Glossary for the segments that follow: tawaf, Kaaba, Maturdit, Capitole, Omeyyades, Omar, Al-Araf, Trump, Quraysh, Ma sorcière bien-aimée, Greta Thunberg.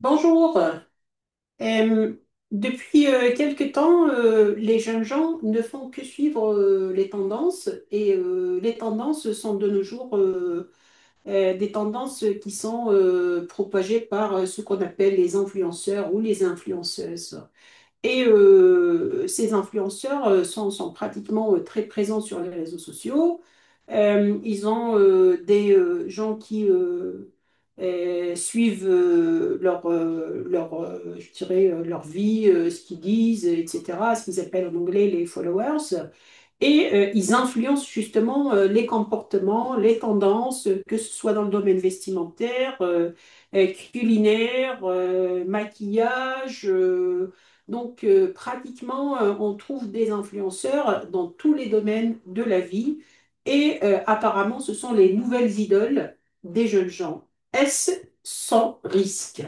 Bonjour. Euh, Depuis quelque temps, les jeunes gens ne font que suivre les tendances et les tendances sont de nos jours des tendances qui sont propagées par ce qu'on appelle les influenceurs ou les influenceuses. Et ces influenceurs sont pratiquement très présents sur les réseaux sociaux. Ils ont des gens qui suivent je dirais, leur vie, ce qu'ils disent, etc., ce qu'ils appellent en anglais les followers. Et ils influencent justement les comportements, les tendances, que ce soit dans le domaine vestimentaire, euh, culinaire, maquillage. Donc pratiquement, on trouve des influenceurs dans tous les domaines de la vie. Et apparemment, ce sont les nouvelles idoles des jeunes gens. Est-ce sans risque?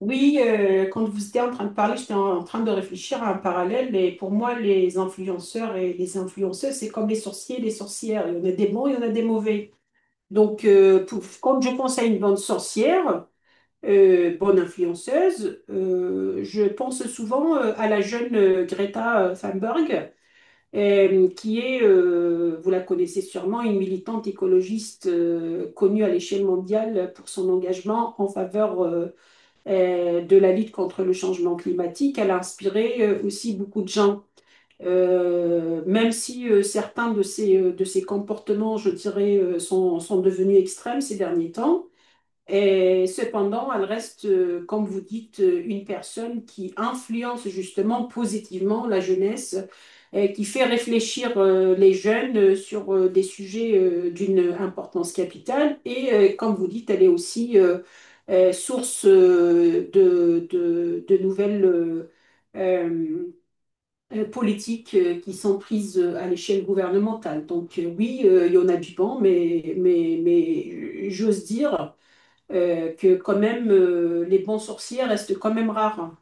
Oui, quand vous étiez en train de parler, j'étais en train de réfléchir à un parallèle. Et pour moi, les influenceurs et les influenceuses, c'est comme les sorciers et les sorcières. Il y en a des bons, il y en a des mauvais. Donc, quand je pense à une bonne sorcière, bonne influenceuse. Je pense souvent à la jeune Greta Thunberg, qui est, vous la connaissez sûrement, une militante écologiste connue à l'échelle mondiale pour son engagement en faveur de la lutte contre le changement climatique. Elle a inspiré aussi beaucoup de gens. Même si certains de de ses comportements, je dirais, sont devenus extrêmes ces derniers temps, et cependant, elle reste, comme vous dites, une personne qui influence justement positivement la jeunesse, et qui fait réfléchir les jeunes sur des sujets d'une importance capitale. Et comme vous dites, elle est aussi source de nouvelles euh, politiques qui sont prises à l'échelle gouvernementale. Donc oui, il y en a du bon, mais j'ose dire que quand même les bons sorciers restent quand même rares.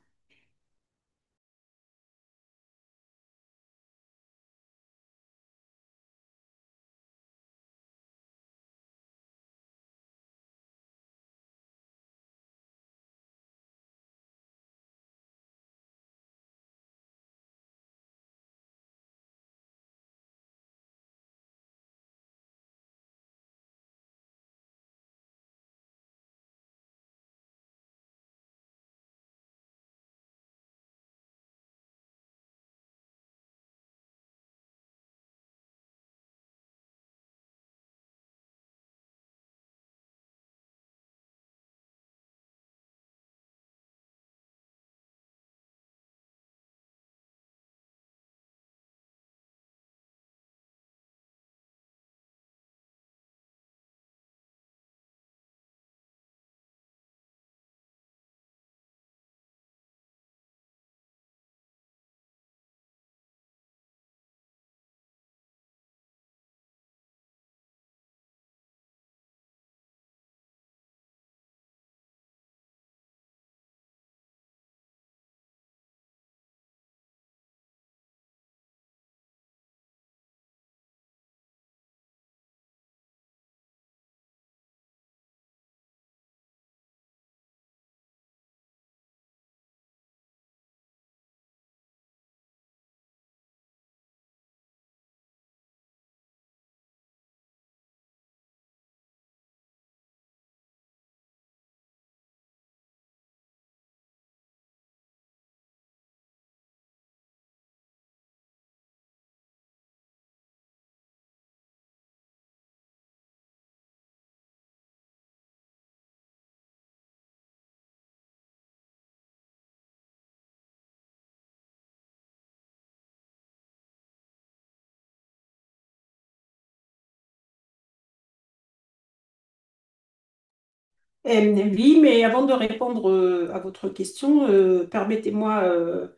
Oui, mais avant de répondre à votre question, permettez-moi euh,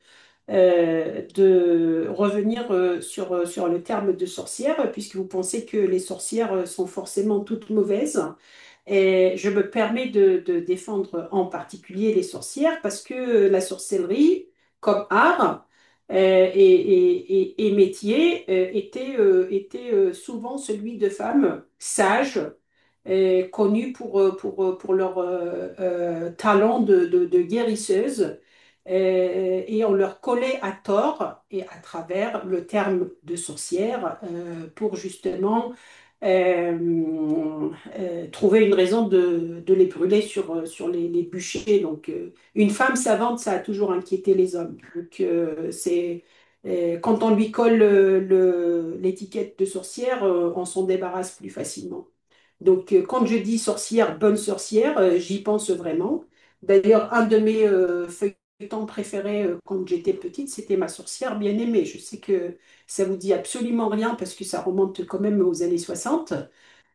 euh, de revenir sur le terme de sorcière, puisque vous pensez que les sorcières sont forcément toutes mauvaises. Et je me permets de défendre en particulier les sorcières parce que la sorcellerie, comme art et métier, était souvent celui de femmes sages, connues pour leur talent de guérisseuse. Et on leur collait à tort et à travers le terme de sorcière pour justement euh, trouver une raison de les brûler sur les bûchers. Donc, une femme savante, ça a toujours inquiété les hommes. Donc, quand on lui colle l'étiquette de sorcière, on s'en débarrasse plus facilement. Donc, quand je dis sorcière, bonne sorcière, j'y pense vraiment. D'ailleurs, un de mes feuilletons préférés quand j'étais petite, c'était Ma sorcière bien-aimée. Je sais que ça vous dit absolument rien parce que ça remonte quand même aux années 60.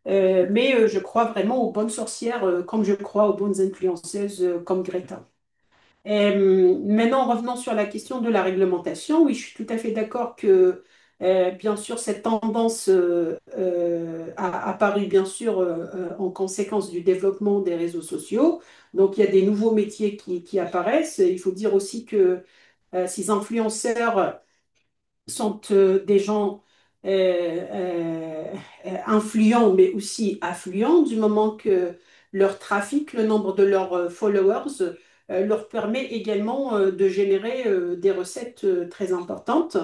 Je crois vraiment aux bonnes sorcières comme je crois aux bonnes influenceuses comme Greta. Maintenant, revenons sur la question de la réglementation. Oui, je suis tout à fait d'accord que, bien sûr, cette tendance a apparu, bien sûr, en conséquence du développement des réseaux sociaux. Donc, il y a des nouveaux métiers qui apparaissent. Il faut dire aussi que ces influenceurs sont des gens euh, euh, influents, mais aussi affluents, du moment que leur trafic, le nombre de leurs followers, leur permet également de générer des recettes très importantes.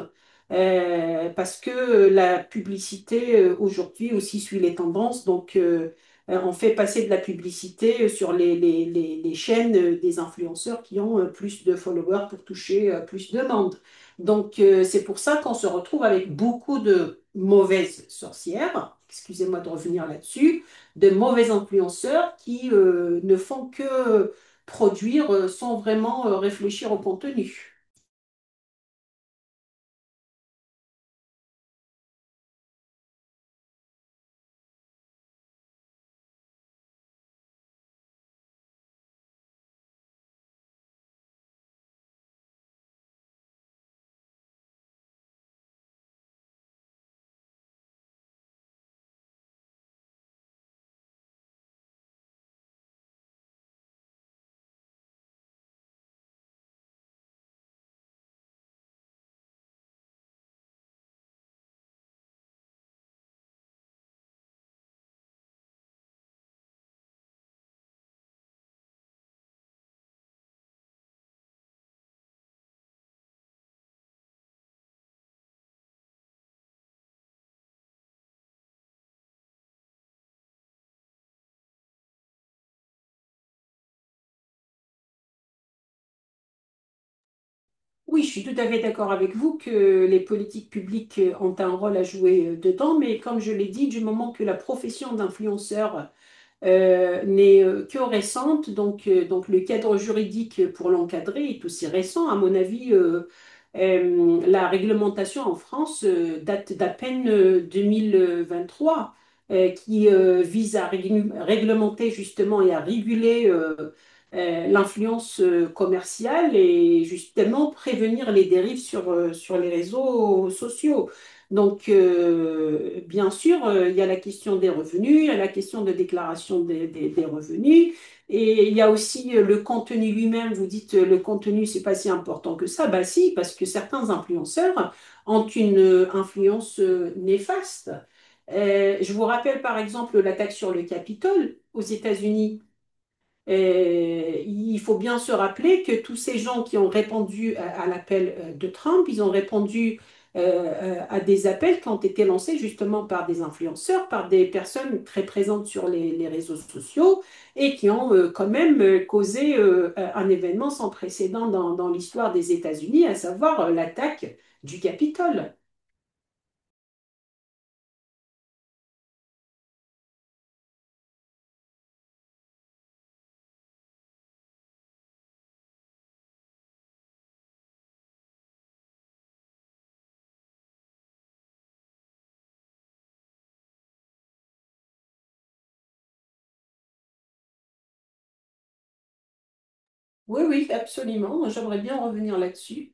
Parce que la publicité aujourd'hui aussi suit les tendances, donc on fait passer de la publicité sur les chaînes des influenceurs qui ont plus de followers pour toucher plus de monde. Donc, c'est pour ça qu'on se retrouve avec beaucoup de mauvaises sorcières, excusez-moi de revenir là-dessus, de mauvais influenceurs qui ne font que produire sans vraiment réfléchir au contenu. Oui, je suis tout à fait d'accord avec vous que les politiques publiques ont un rôle à jouer dedans, mais comme je l'ai dit, du moment que la profession d'influenceur n'est que récente, donc le cadre juridique pour l'encadrer est aussi récent. À mon avis, la réglementation en France date d'à peine 2023, qui vise à réglementer justement et à réguler l'influence commerciale et justement prévenir les dérives sur les réseaux sociaux. Donc, bien sûr, il y a la question des revenus, il y a la question de déclaration des revenus, et il y a aussi le contenu lui-même. Vous dites, le contenu, c'est pas si important que ça. Bah si, parce que certains influenceurs ont une influence néfaste. Je vous rappelle par exemple l'attaque sur le Capitole aux États-Unis. Il faut bien se rappeler que tous ces gens qui ont répondu à l'appel de Trump, ils ont répondu euh, à des appels qui ont été lancés justement par des influenceurs, par des personnes très présentes sur les réseaux sociaux et qui ont quand même causé un événement sans précédent dans l'histoire des États-Unis, à savoir l'attaque du Capitole. Oui, oui, absolument. J'aimerais bien revenir là-dessus.